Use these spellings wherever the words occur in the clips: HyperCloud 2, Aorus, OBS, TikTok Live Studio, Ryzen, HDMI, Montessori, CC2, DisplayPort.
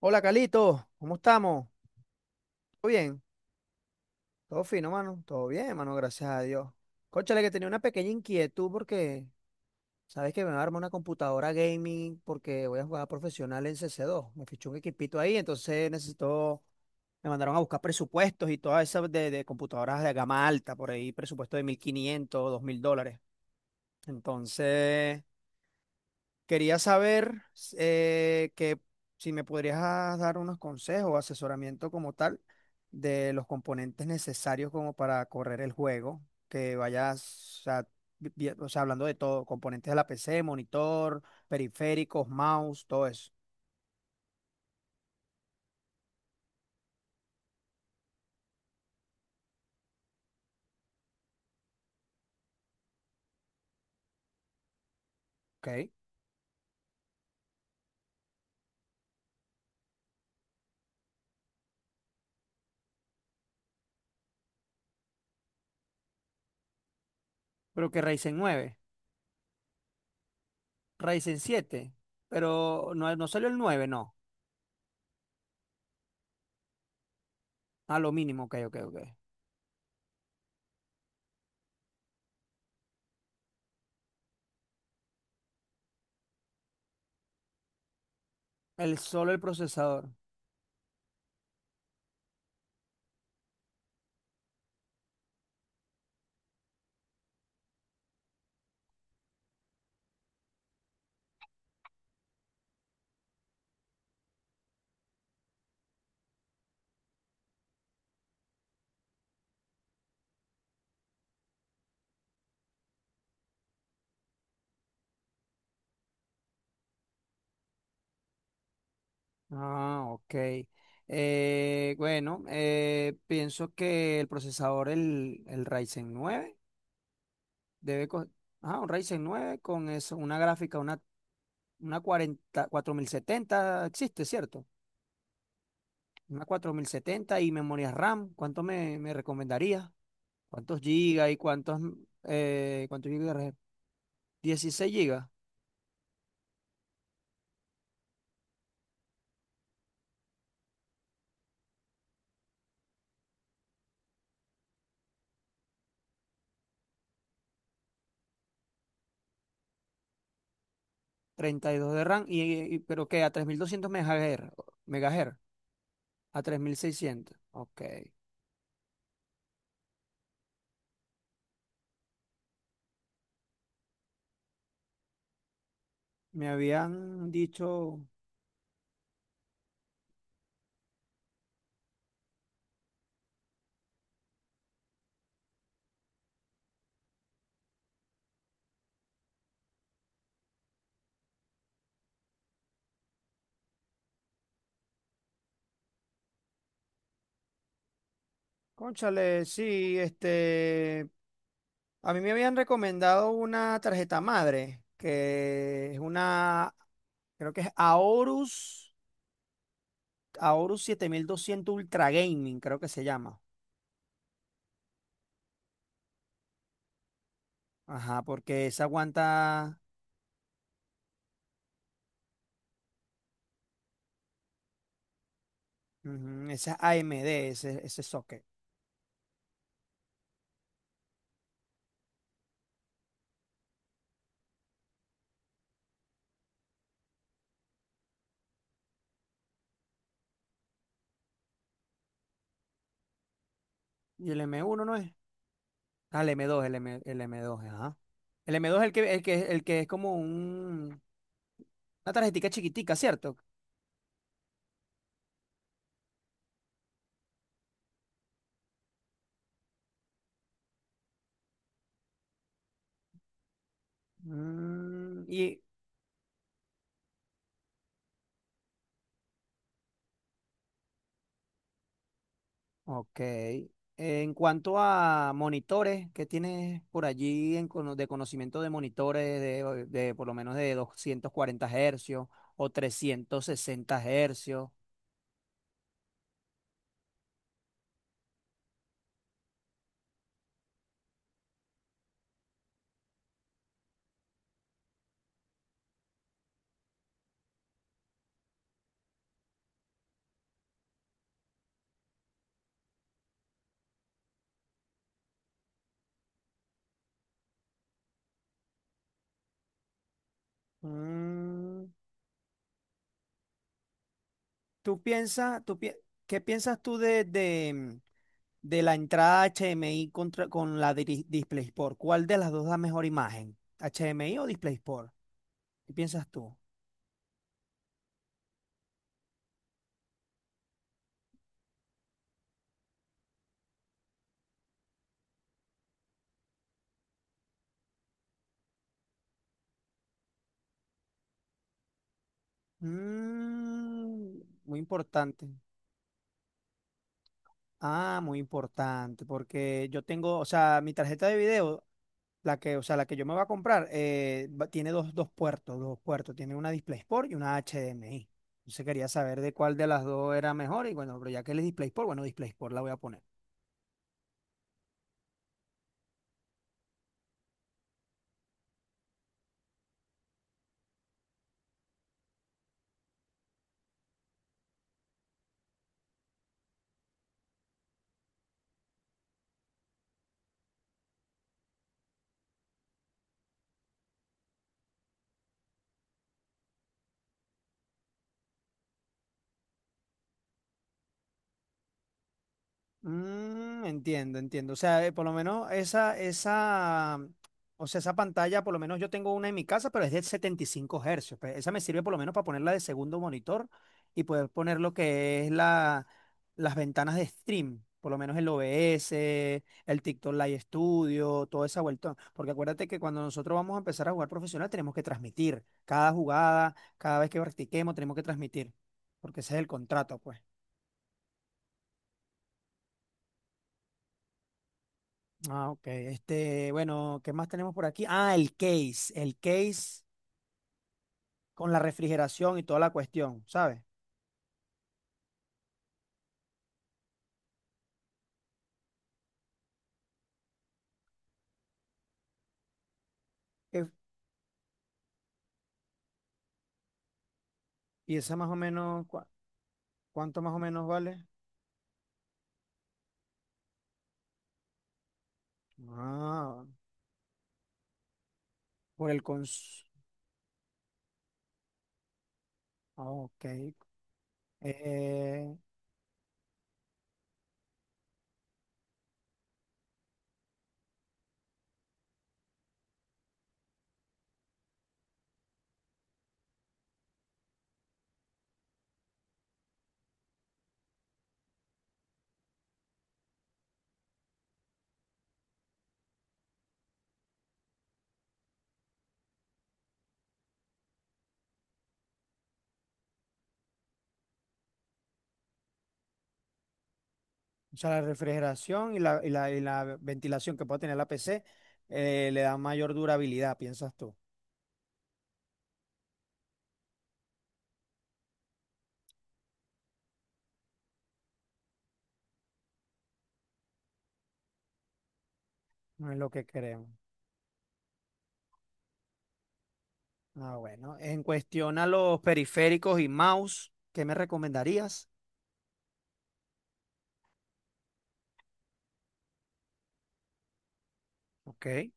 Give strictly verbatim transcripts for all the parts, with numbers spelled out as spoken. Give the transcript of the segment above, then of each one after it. Hola, Calito, ¿cómo estamos? ¿Todo bien? Todo fino, mano. Todo bien, mano, gracias a Dios. Cónchale, que tenía una pequeña inquietud porque sabes que me armar una computadora gaming porque voy a jugar profesional en C C dos. Me fichó un equipito ahí, entonces necesito. Me mandaron a buscar presupuestos y todas esas de, de computadoras de gama alta, por ahí presupuesto de mil quinientos, dos mil dólares. Entonces, Quería saber eh, que si me podrías ah, dar unos consejos o asesoramiento como tal de los componentes necesarios como para correr el juego, que vayas, o sea, vi- vi- o sea, hablando de todo, componentes de la P C, monitor, periféricos, mouse, todo eso. Ok. Pero que Ryzen nueve, Ryzen siete, pero no, no salió el nueve, no. A lo mínimo, ok, ok, ok. El, solo el procesador. Ah, ok. Eh, bueno, eh, pienso que el procesador, el, el Ryzen nueve debe co- ah, un Ryzen nueve con eso, una gráfica, una, una cuarenta cuatro mil setenta existe, ¿cierto? Una cuatro mil setenta y memoria RAM. ¿Cuánto me, me recomendaría? ¿Cuántos gigas y cuántos, eh, cuántos gigas de RAM? dieciséis gigas, treinta y dos de RAM, y, y- pero que a tres mil doscientos MHz, megahertz, a tres mil seiscientos. Ok. Me habían dicho, Cónchale, sí, este, a mí me habían recomendado una tarjeta madre, que es una, creo que es Aorus, Aorus siete mil doscientos Ultra Gaming, creo que se llama. Ajá, porque esa aguanta, ujú, esa es A M D, ese, ese socket. Y el m uno no es. Ah, el m dos el, M, el m dos, ajá. El m dos es el que, el que, el que es como un, una tarjetita chiquitica, ¿cierto? Mm, y Ok. En cuanto a monitores, ¿qué tienes por allí en cono- de conocimiento de monitores de, de por lo menos de doscientos cuarenta hercios o trescientos sesenta hercios? Mm, ¿tú piensas, tú pi- qué piensas tú de, de- mm, de la entrada H M I contra, con la diri- DisplayPort? ¿Cuál de las dos da mejor imagen? ¿H M I o DisplayPort? ¿Qué piensas tú? Mm, muy importante. Ah, muy importante, porque yo tengo, o sea, mi tarjeta de video, la que, o sea, la que yo me voy a comprar, eh, va- tiene dos, dos puertos, dos puertos, tiene una DisplayPort y una H D M I. Entonces quería saber de cuál de las dos era mejor y bueno, pero ya que él es DisplayPort, bueno, DisplayPort la voy a poner. Mm, entiendo, entiendo. O sea, eh, por lo menos esa, esa, o sea, esa pantalla, por lo menos yo tengo una en mi casa, pero es de setenta y cinco Hz, pues, esa me sirve por lo menos para ponerla de segundo monitor y poder poner lo que es la, las ventanas de stream, por lo menos el O B S, el TikTok Live Studio, toda esa vuelta. Porque acuérdate que cuando nosotros vamos a empezar a jugar profesional, tenemos que transmitir cada jugada, cada vez que practiquemos, tenemos que transmitir, porque ese es el contrato, pues. Ah, ok. Este, bueno, ¿qué más tenemos por aquí? Ah, el case, el case con la refrigeración y toda la cuestión, ¿sabes? Eh, ¿Y esa más o menos, cua- cuánto más o menos vale? Ah, por el cons... ah, Ok. Eh, o sea, la refrigeración y la, y la, y la ventilación que puede tener la P C, eh, le da mayor durabilidad, piensas tú. No es lo que queremos. Ah, bueno. En cuestión a los periféricos y mouse, ¿qué me recomendarías? Ok.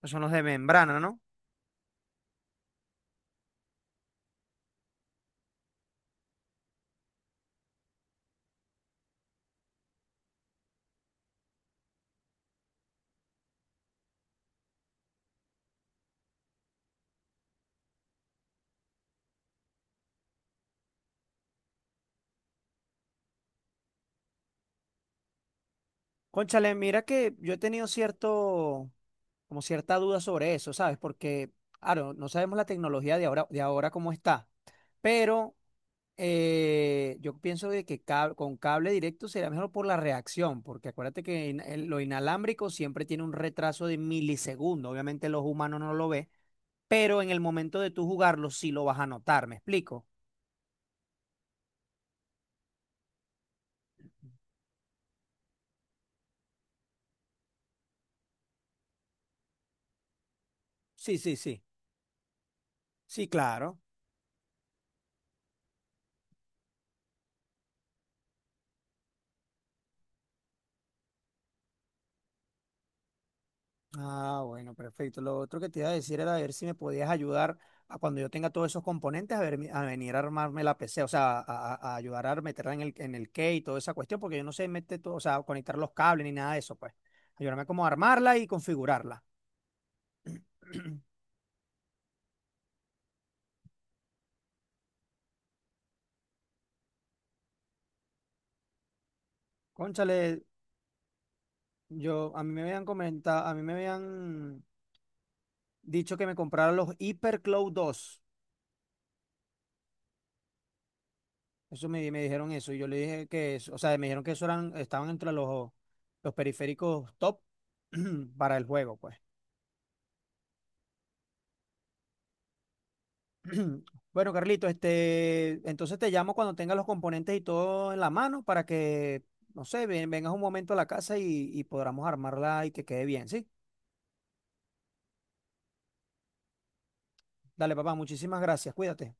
Esos son los de membrana, ¿no? Cónchale, mira que yo he tenido cierto, como cierta duda sobre eso, ¿sabes? Porque, claro, no sabemos la tecnología de ahora, de ahora cómo está, pero eh, yo pienso de que cab- con cable directo sería mejor por la reacción, porque acuérdate que in- el- lo inalámbrico siempre tiene un retraso de milisegundos, obviamente los humanos no lo ven, pero en el momento de tú jugarlo sí lo vas a notar, ¿me explico? Sí, sí, sí, sí, claro. Ah, bueno, perfecto. Lo otro que te iba a decir era ver si me podías ayudar a cuando yo tenga todos esos componentes a, ver, a venir a armarme la P C, o sea, a, a- a ayudar a meterla en el, en el key y toda esa cuestión, porque yo no sé meter todo, o sea, conectar los cables ni nada de eso, pues. Ayudarme como a armarla y configurarla. Cónchale, yo, a mí me habían comentado, a mí me habían dicho que me comprara los HyperCloud dos. Eso me, me dijeron eso. Y yo le dije que, es- o sea, me dijeron que eso eran, estaban entre los, los periféricos top para el juego, pues. Bueno, Carlito, este, entonces te llamo cuando tengas los componentes y todo en la mano para que, no sé, ven- vengas un momento a la casa y, y podamos armarla y que quede bien, ¿sí? Dale, papá, muchísimas gracias. Cuídate.